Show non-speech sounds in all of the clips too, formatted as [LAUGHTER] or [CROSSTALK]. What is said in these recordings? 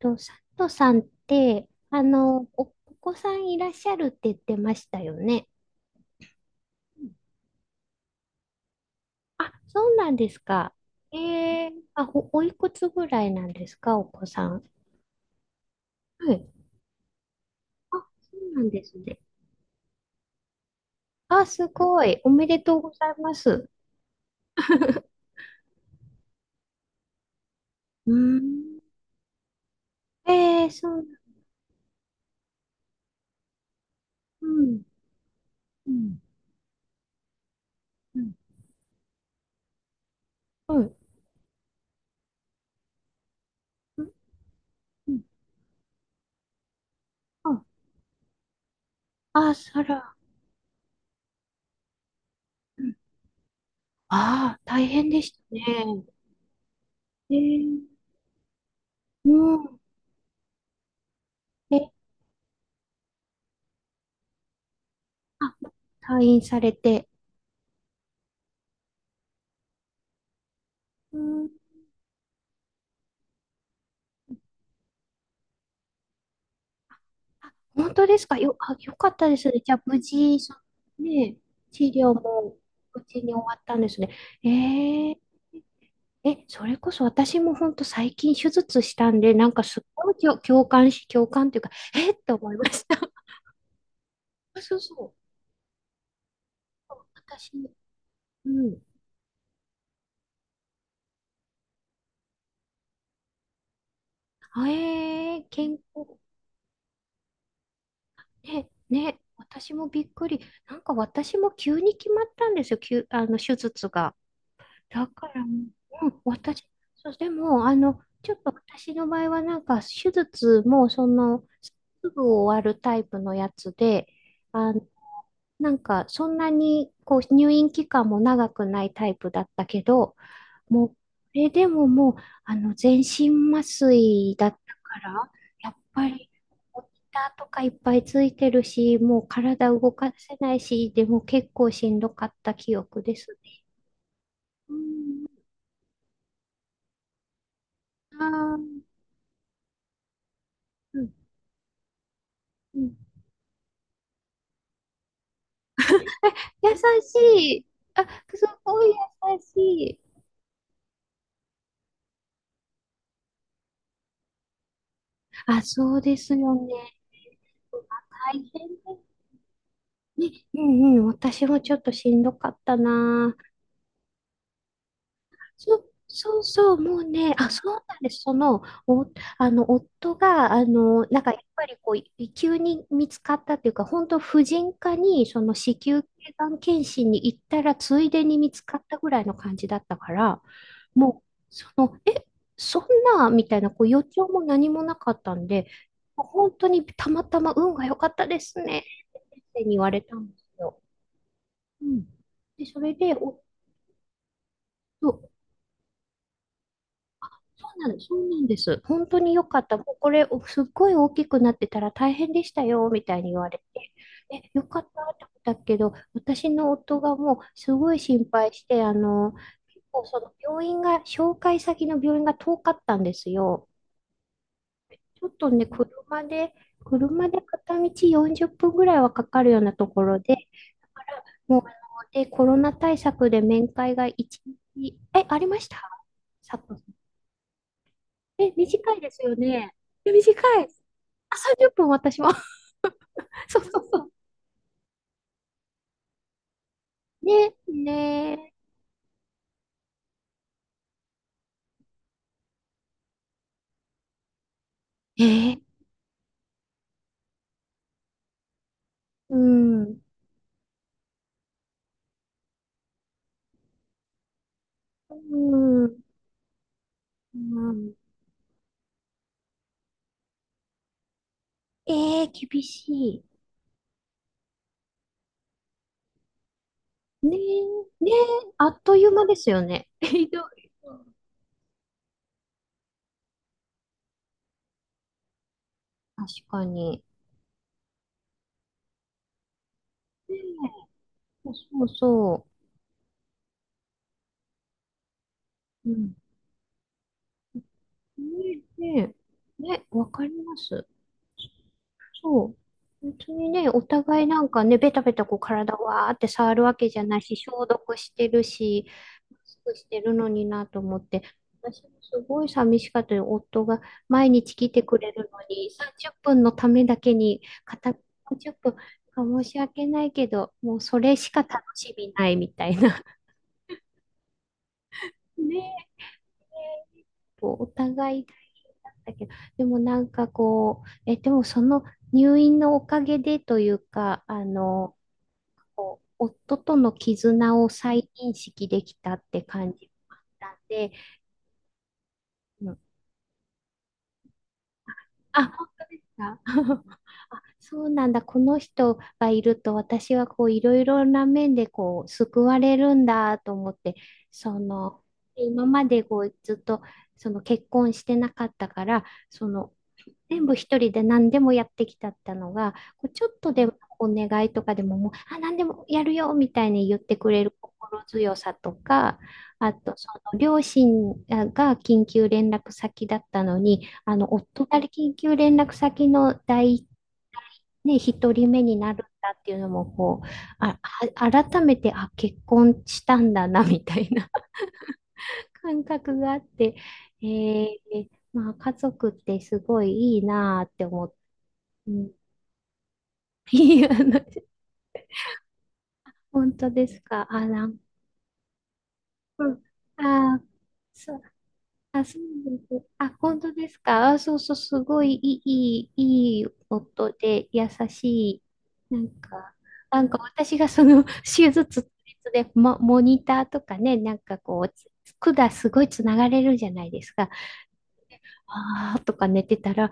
と、佐藤さんって、お子さんいらっしゃるって言ってましたよね。あ、そうなんですか。あ、おいくつぐらいなんですか、お子さん。はい。あ、そうなんですね。あ、すごい。おめでとうございます。[LAUGHS] うん。そう。うん、うん、うん、うん、うん、うんあ、あ、そら。うん。ああ、大変でしたね。えー、うん。え。あ、退院されて。うん。あ、本当ですか。あ、よかったですね。じゃあ、無事、のね、治療も無事に終わったんですね。えー、え、それこそ私も本当最近手術したんで、なんかすごい共感というか、えーって思いました。[LAUGHS] あ、そうそう。私、うん。あ、健康。ね、ね、私もびっくり。なんか私も急に決まったんですよ。急、あの、手術が。だから、うん。私、そう。でも、ちょっと私の場合は、なんか、手術も、すぐ終わるタイプのやつで、あ、なんか、そんなに、こう、入院期間も長くないタイプだったけど、もう、これでももう、全身麻酔だったから、やっぱり、モニターとかいっぱいついてるし、もう体動かせないし、でも結構しんどかった記憶ですね。うん。あーうん。優しい。あ、すごい優しい。あ、そうですよね。大変ですね。うんうん。私もちょっとしんどかったな。そうそうそう。もうね、あ、そうなんです。その、お、あの、夫が、なんかやっぱりこう、急に見つかったっていうか、本当婦人科に、その子宮頸がん検診に行ったら、ついでに見つかったぐらいの感じだったから、もう、その、え、そんな、みたいな、こう、予兆も何もなかったんで、本当にたまたま運が良かったですね、って先生に言われたんですよ。うん。で、それで、そうなんです。本当に良かった。もうこれ、すっごい大きくなってたら大変でしたよ、みたいに言われて。え、よかったって思ったけど、私の夫がもうすごい心配して、結構その病院が、紹介先の病院が遠かったんですよ。ちょっとね、車で片道40分ぐらいはかかるようなところで、だからもう、で、コロナ対策で面会が1日、ありました。佐藤。短いですよね。短い。あ、30分私も。[LAUGHS] そうそうそう。ね、ねえ。うん。うん。うん。厳しい。ねえ、ねえ、あっという間ですよね。[LAUGHS] ひどい。確かに。ねえ、そうそう。うん。ねえ、ねえ、ね、わかります。そう。本当にね、お互いなんかね、ベタベタこう体わーって触るわけじゃないし、消毒してるし、すくしてるのになと思って、私もすごい寂しかったよ。夫が毎日来てくれるのに、30分のためだけに、片道30分、なんか申し訳ないけど、もうそれしか楽しみないみたいな。[LAUGHS] ねえ、こうお互いだけど、でもなんかこう、でもその入院のおかげでというか、こう夫との絆を再認識できたって感じたんで、うん。あ、あ。[LAUGHS] あ、そうなんだ。この人がいると私はこういろいろな面でこう救われるんだと思って、その今までこうずっと結婚してなかったから、その全部一人で何でもやってきたったのが、こうちょっとでもお願いとかでももう、あ、何でもやるよみたいに言ってくれる心強さとか、あと、その両親が緊急連絡先だったのに、夫が緊急連絡先の一人目になるんだっていうのも、こう、あ、改めて、あ、結婚したんだな、みたいな [LAUGHS] 感覚があって、えーまあ、家族ってすごいいいなーって思って、うん。いや、本当ですか。あ、ランん。あ、そう。あ、そうです。あ、本当ですか。あ、そうそう、すごいいい、いい音で、優しい。なんか、私がその手術で、モニターとかね、なんかこう、管すごいつながれるじゃないですか。あーとか寝てたら、あ、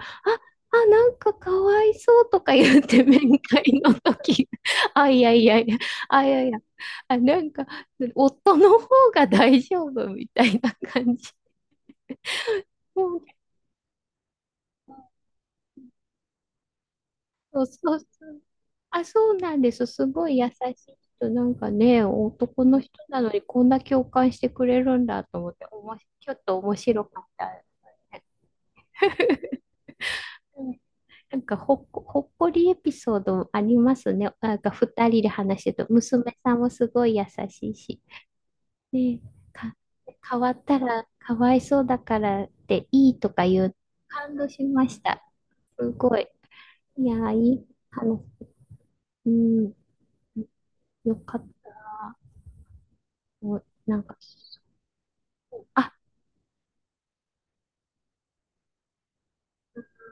あ、なんかかわいそうとか言って面会の時。[LAUGHS] あ、いやいやいや、あ、いやいや、あ、なんか、夫の方が大丈夫みたいな感じ。もうそうそうそう。あ、そうなんです。すごい優しい人。なんかね、男の人なのにこんな共感してくれるんだと思って、おもし、ちょっと面白かった。[LAUGHS] なんかほっこりエピソードもありますね。なんか二人で話してると、娘さんもすごい優しいし、ね、か、変わったらかわいそうだからっていいとか言う、感動しました。すごい。いやー、いい話。うん、よかった。もうなんか、あ、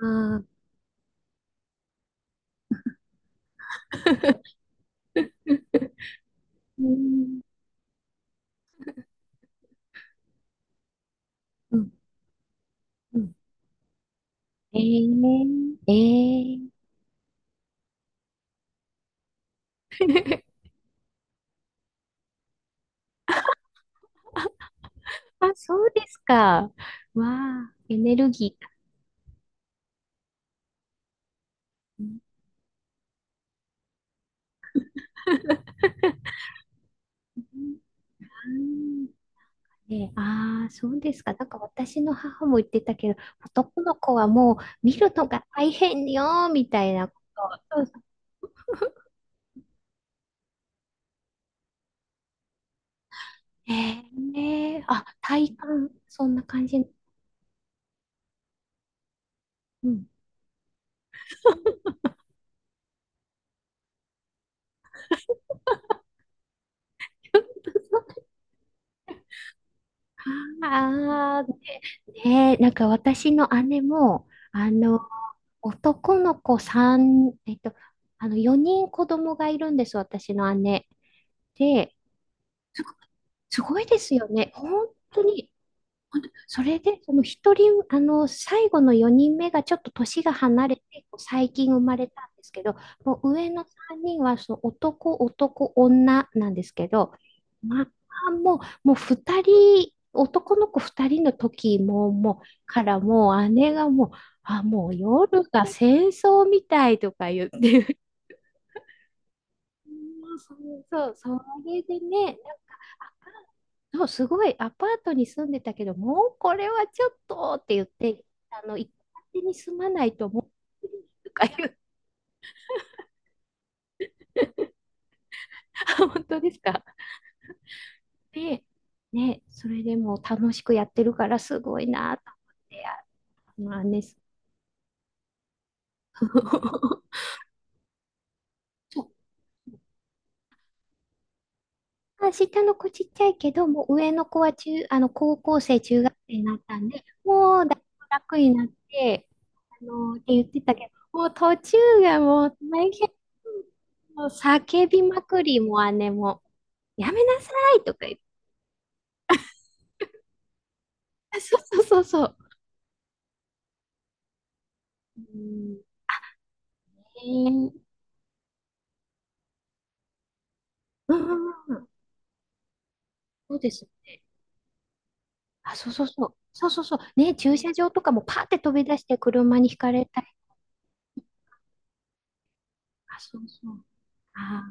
あーうん、うん、うん。えー、えー。[LAUGHS] あ、そうですか。わあ、エネルギー。うん。ね、ああ、そうですか。なんか私の母も言ってたけど、男の子はもう見るのが大変よ、みたいなこと。そうそう。えあ、体感、そんな感じ。うん。ああ、ねえ、なんか私の姉も、男の子3、4人子供がいるんです、私の姉。で、すごすごいですよね。本当に、それで、その一人、最後の4人目がちょっと年が離れて、こう最近生まれたんですけど、もう上の3人はそう男、男、女なんですけど、まあ、もう2人、男の子2人の時も、もう、からもう姉がもう、あ、もう夜が戦争みたいとか言って。[LAUGHS] そうそう、そうそれでね、そうすごいアパートに住んでたけど、もうこれはちょっとって言って、一戸建てに住まないともう、とか言う。[LAUGHS] 本当ですか。でね、それでもう楽しくやってるからすごいなと思って、あ、まあね、そう。 [LAUGHS] そう。あ、下の子ちっちゃいけど、もう上の子は中、あの、高校生、中学生になったんで、もうだいぶ楽になって、あのって言ってたけど、もう途中がもう大変。もう叫びまくり、もう姉も、やめなさいとか言って。[LAUGHS] そうそうそうそう。うん、ね。うんうんうん、そうですよね。あ、そうそうそう。そうそうそう。ね、駐車場とかもパーって飛び出して車にひかれたり。あ、そうそう。あ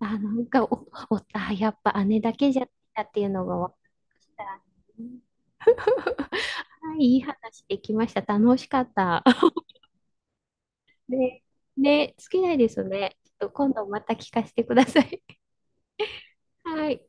ーあ、なんかあ、やっぱ姉だけじゃったっていうのが分かりました。はい、いい話できました。楽しかった。ね、ね、好きないですね。ちょっと今度また聞かせてください。[LAUGHS] はい。